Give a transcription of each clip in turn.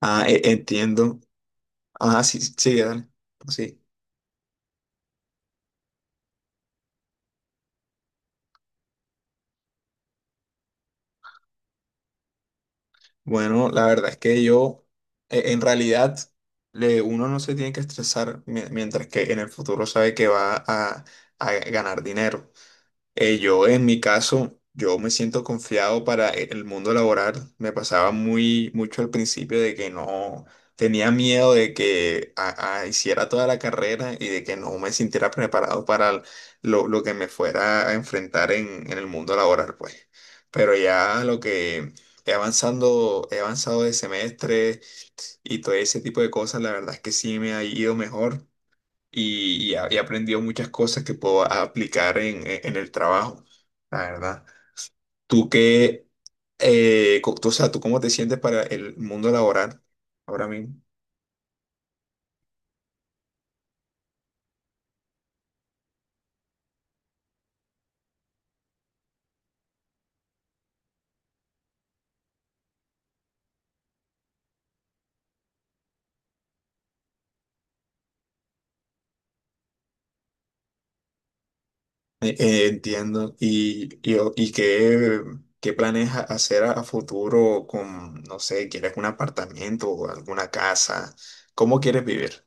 Entiendo. Ah, sí, sí, sigue, dale. Pues sí. Bueno, la verdad es que en realidad, uno no se tiene que estresar mientras que en el futuro sabe que a ganar dinero. En mi caso, yo me siento confiado para el mundo laboral. Me pasaba muy mucho al principio de que no tenía miedo de que hiciera toda la carrera y de que no me sintiera preparado para lo que me fuera a enfrentar en el mundo laboral, pues. Pero ya lo que he avanzado de semestre y todo ese tipo de cosas, la verdad es que sí me ha ido mejor y he aprendido muchas cosas que puedo aplicar en el trabajo, la verdad. ¿Tú qué, o sea, tú cómo te sientes para el mundo laboral ahora mismo? Entiendo. Y qué, qué planes hacer a futuro con, no sé, quieres un apartamento o alguna casa? ¿Cómo quieres vivir?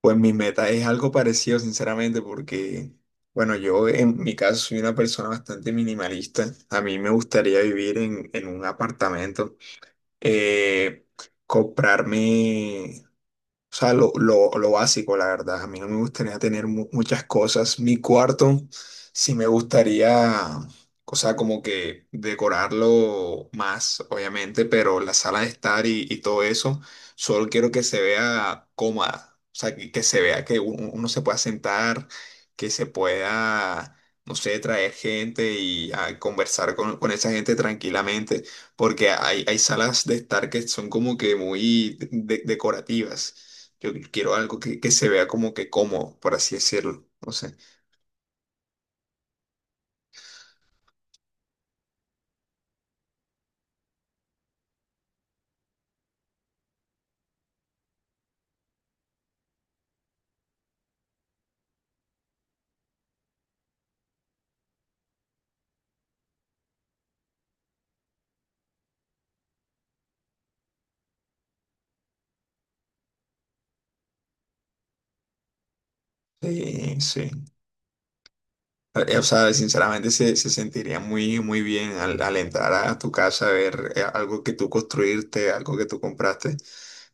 Pues mi meta es algo parecido, sinceramente, porque, bueno, yo en mi caso soy una persona bastante minimalista. A mí me gustaría vivir en un apartamento, eh, comprarme, o sea, lo básico, la verdad. A mí no me gustaría tener muchas cosas. Mi cuarto sí me gustaría, o sea, como que decorarlo más, obviamente, pero la sala de estar y todo eso, solo quiero que se vea cómoda. O sea, que se vea que uno se pueda sentar, que se pueda, no sé, traer gente y ah, conversar con esa gente tranquilamente porque hay salas de estar que son como que muy decorativas. Yo quiero algo que se vea como que cómodo, por así decirlo. No sé. Sí, sí. O sea, sinceramente se sentiría muy, muy bien al entrar a tu casa a ver, algo que tú construirte, algo que tú compraste,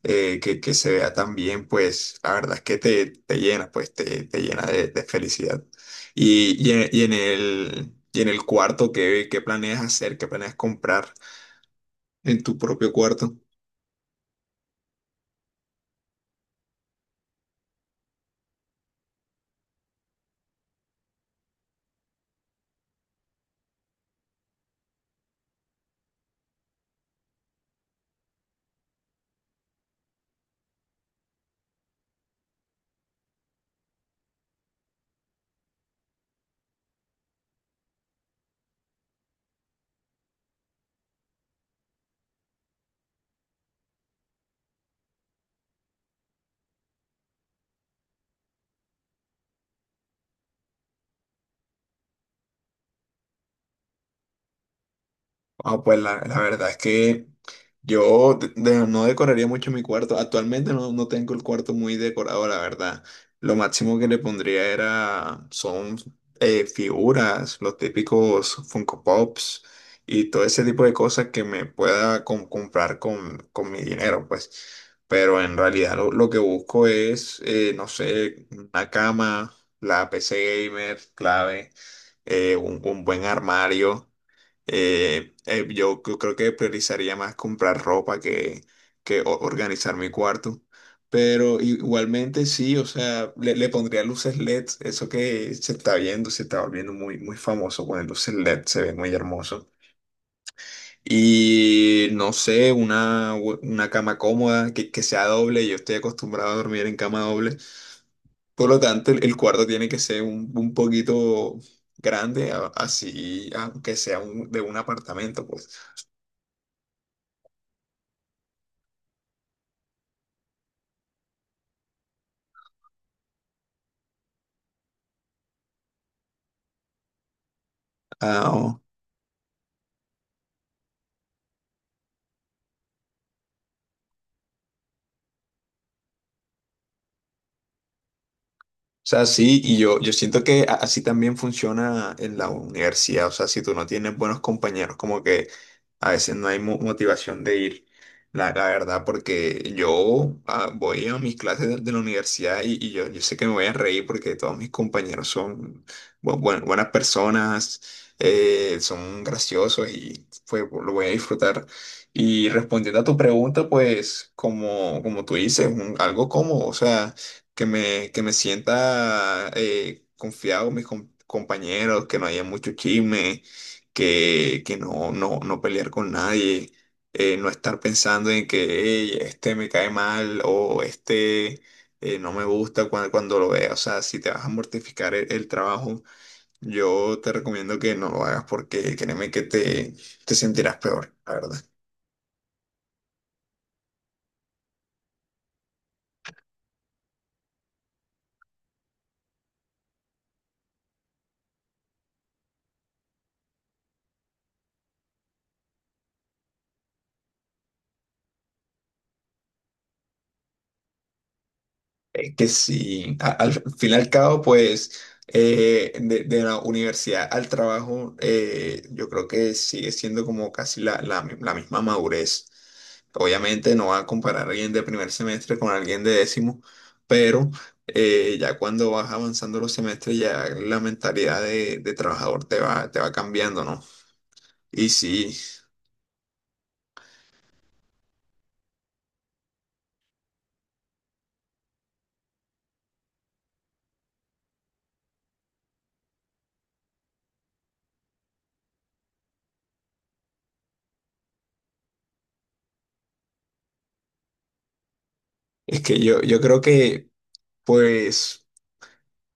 que se vea tan bien, pues la verdad es que te llena, pues te llena de felicidad. Y en el cuarto, ¿qué, qué planeas hacer? ¿Qué planeas comprar en tu propio cuarto? Ah, pues la verdad es que yo no decoraría mucho mi cuarto. Actualmente no tengo el cuarto muy decorado, la verdad. Lo máximo que le pondría era, son figuras, los típicos Funko Pops y todo ese tipo de cosas que me pueda comprar con mi dinero, pues. Pero en realidad lo que busco es, no sé, una cama, la PC gamer, clave, un buen armario. Yo creo que priorizaría más comprar ropa que organizar mi cuarto. Pero igualmente sí, o sea, le pondría luces LED, eso que se está viendo, se está volviendo muy, muy famoso con el luces LED, se ve muy hermoso. Y no sé, una cama cómoda que sea doble. Yo estoy acostumbrado a dormir en cama doble, por lo tanto el cuarto tiene que ser un poquito grande, así, aunque sea de un apartamento, pues. O sea, sí, y yo siento que así también funciona en la universidad, o sea, si tú no tienes buenos compañeros, como que a veces no hay motivación de ir, la verdad, porque yo ah, voy a mis clases de la universidad yo sé que me voy a reír porque todos mis compañeros son buenas personas, son graciosos y pues lo voy a disfrutar. Y respondiendo a tu pregunta, pues como, como tú dices, un- algo como, o sea... que me sienta confiado con mis compañeros, que no haya mucho chisme, que no, no, no pelear con nadie, no estar pensando en que "Ey, este me cae mal o este no me gusta cuando, cuando lo vea. O sea, si te vas a mortificar el trabajo, yo te recomiendo que no lo hagas porque créeme que te sentirás peor, la verdad. Es que sí, al fin y al cabo, pues de la universidad al trabajo, yo creo que sigue siendo como casi la misma madurez. Obviamente no va a comparar a alguien de primer semestre con alguien de décimo, pero ya cuando vas avanzando los semestres, ya la mentalidad de trabajador te va cambiando, ¿no? Y sí, es que yo creo que, pues.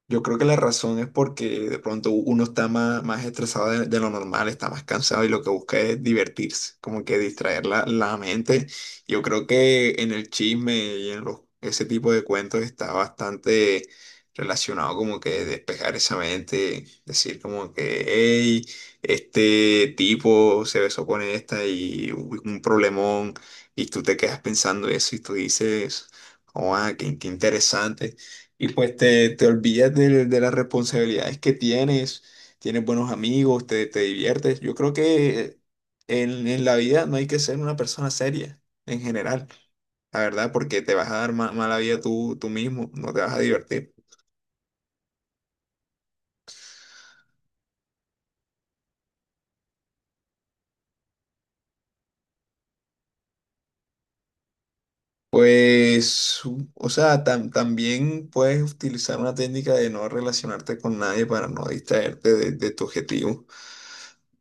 Yo creo que la razón es porque de pronto uno está más, más estresado de lo normal, está más cansado y lo que busca es divertirse, como que distraer la mente. Yo creo que en el chisme y en los, ese tipo de cuentos está bastante relacionado como que despejar esa mente, decir como que, hey, este tipo se besó con esta y hubo un problemón y tú te quedas pensando eso y tú dices, oh, ah, qué qué interesante. Y pues te olvidas de las responsabilidades que tienes, tienes buenos amigos, te diviertes. Yo creo que en la vida no hay que ser una persona seria en general, la verdad, porque te vas a dar mala vida tú, tú mismo, no te vas a divertir. Pues, o sea, también puedes utilizar una técnica de no relacionarte con nadie para no distraerte de tu objetivo.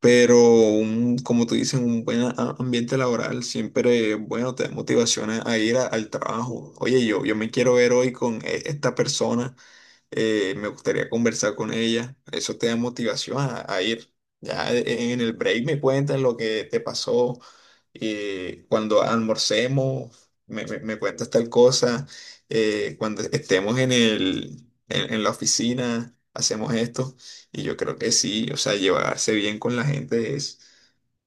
Pero un, como tú dices, un buen ambiente laboral siempre, bueno, te da motivaciones a ir al trabajo. Oye, yo me quiero ver hoy con esta persona me gustaría conversar con ella. Eso te da motivación a ir. Ya en el break me cuentas lo que te pasó. Eh, cuando almorcemos, me cuentas tal cosa. Eh, cuando estemos en la oficina, hacemos esto. Y yo creo que sí, o sea, llevarse bien con la gente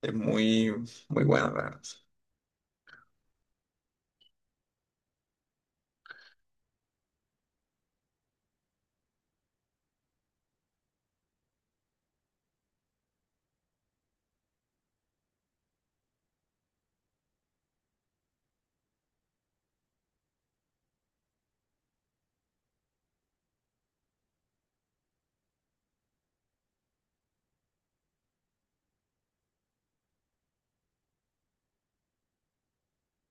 es muy, muy bueno.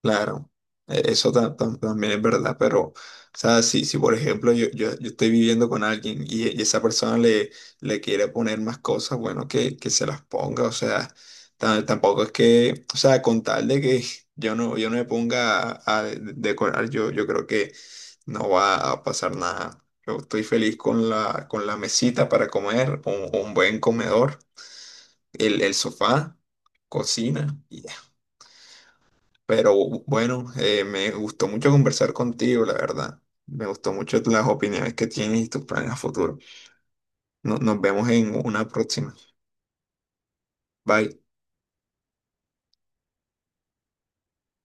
Claro, eso también es verdad, pero, o sea, si, si por ejemplo yo estoy viviendo con alguien y esa persona le quiere poner más cosas, bueno, que se las ponga, o sea, tampoco es que, o sea, con tal de que yo no me ponga a decorar, yo creo que no va a pasar nada. Yo estoy feliz con la mesita para comer, un buen comedor, el sofá, cocina. Pero bueno, me gustó mucho conversar contigo, la verdad. Me gustó mucho las opiniones que tienes y tus planes a futuro. Nos vemos en una próxima. Bye.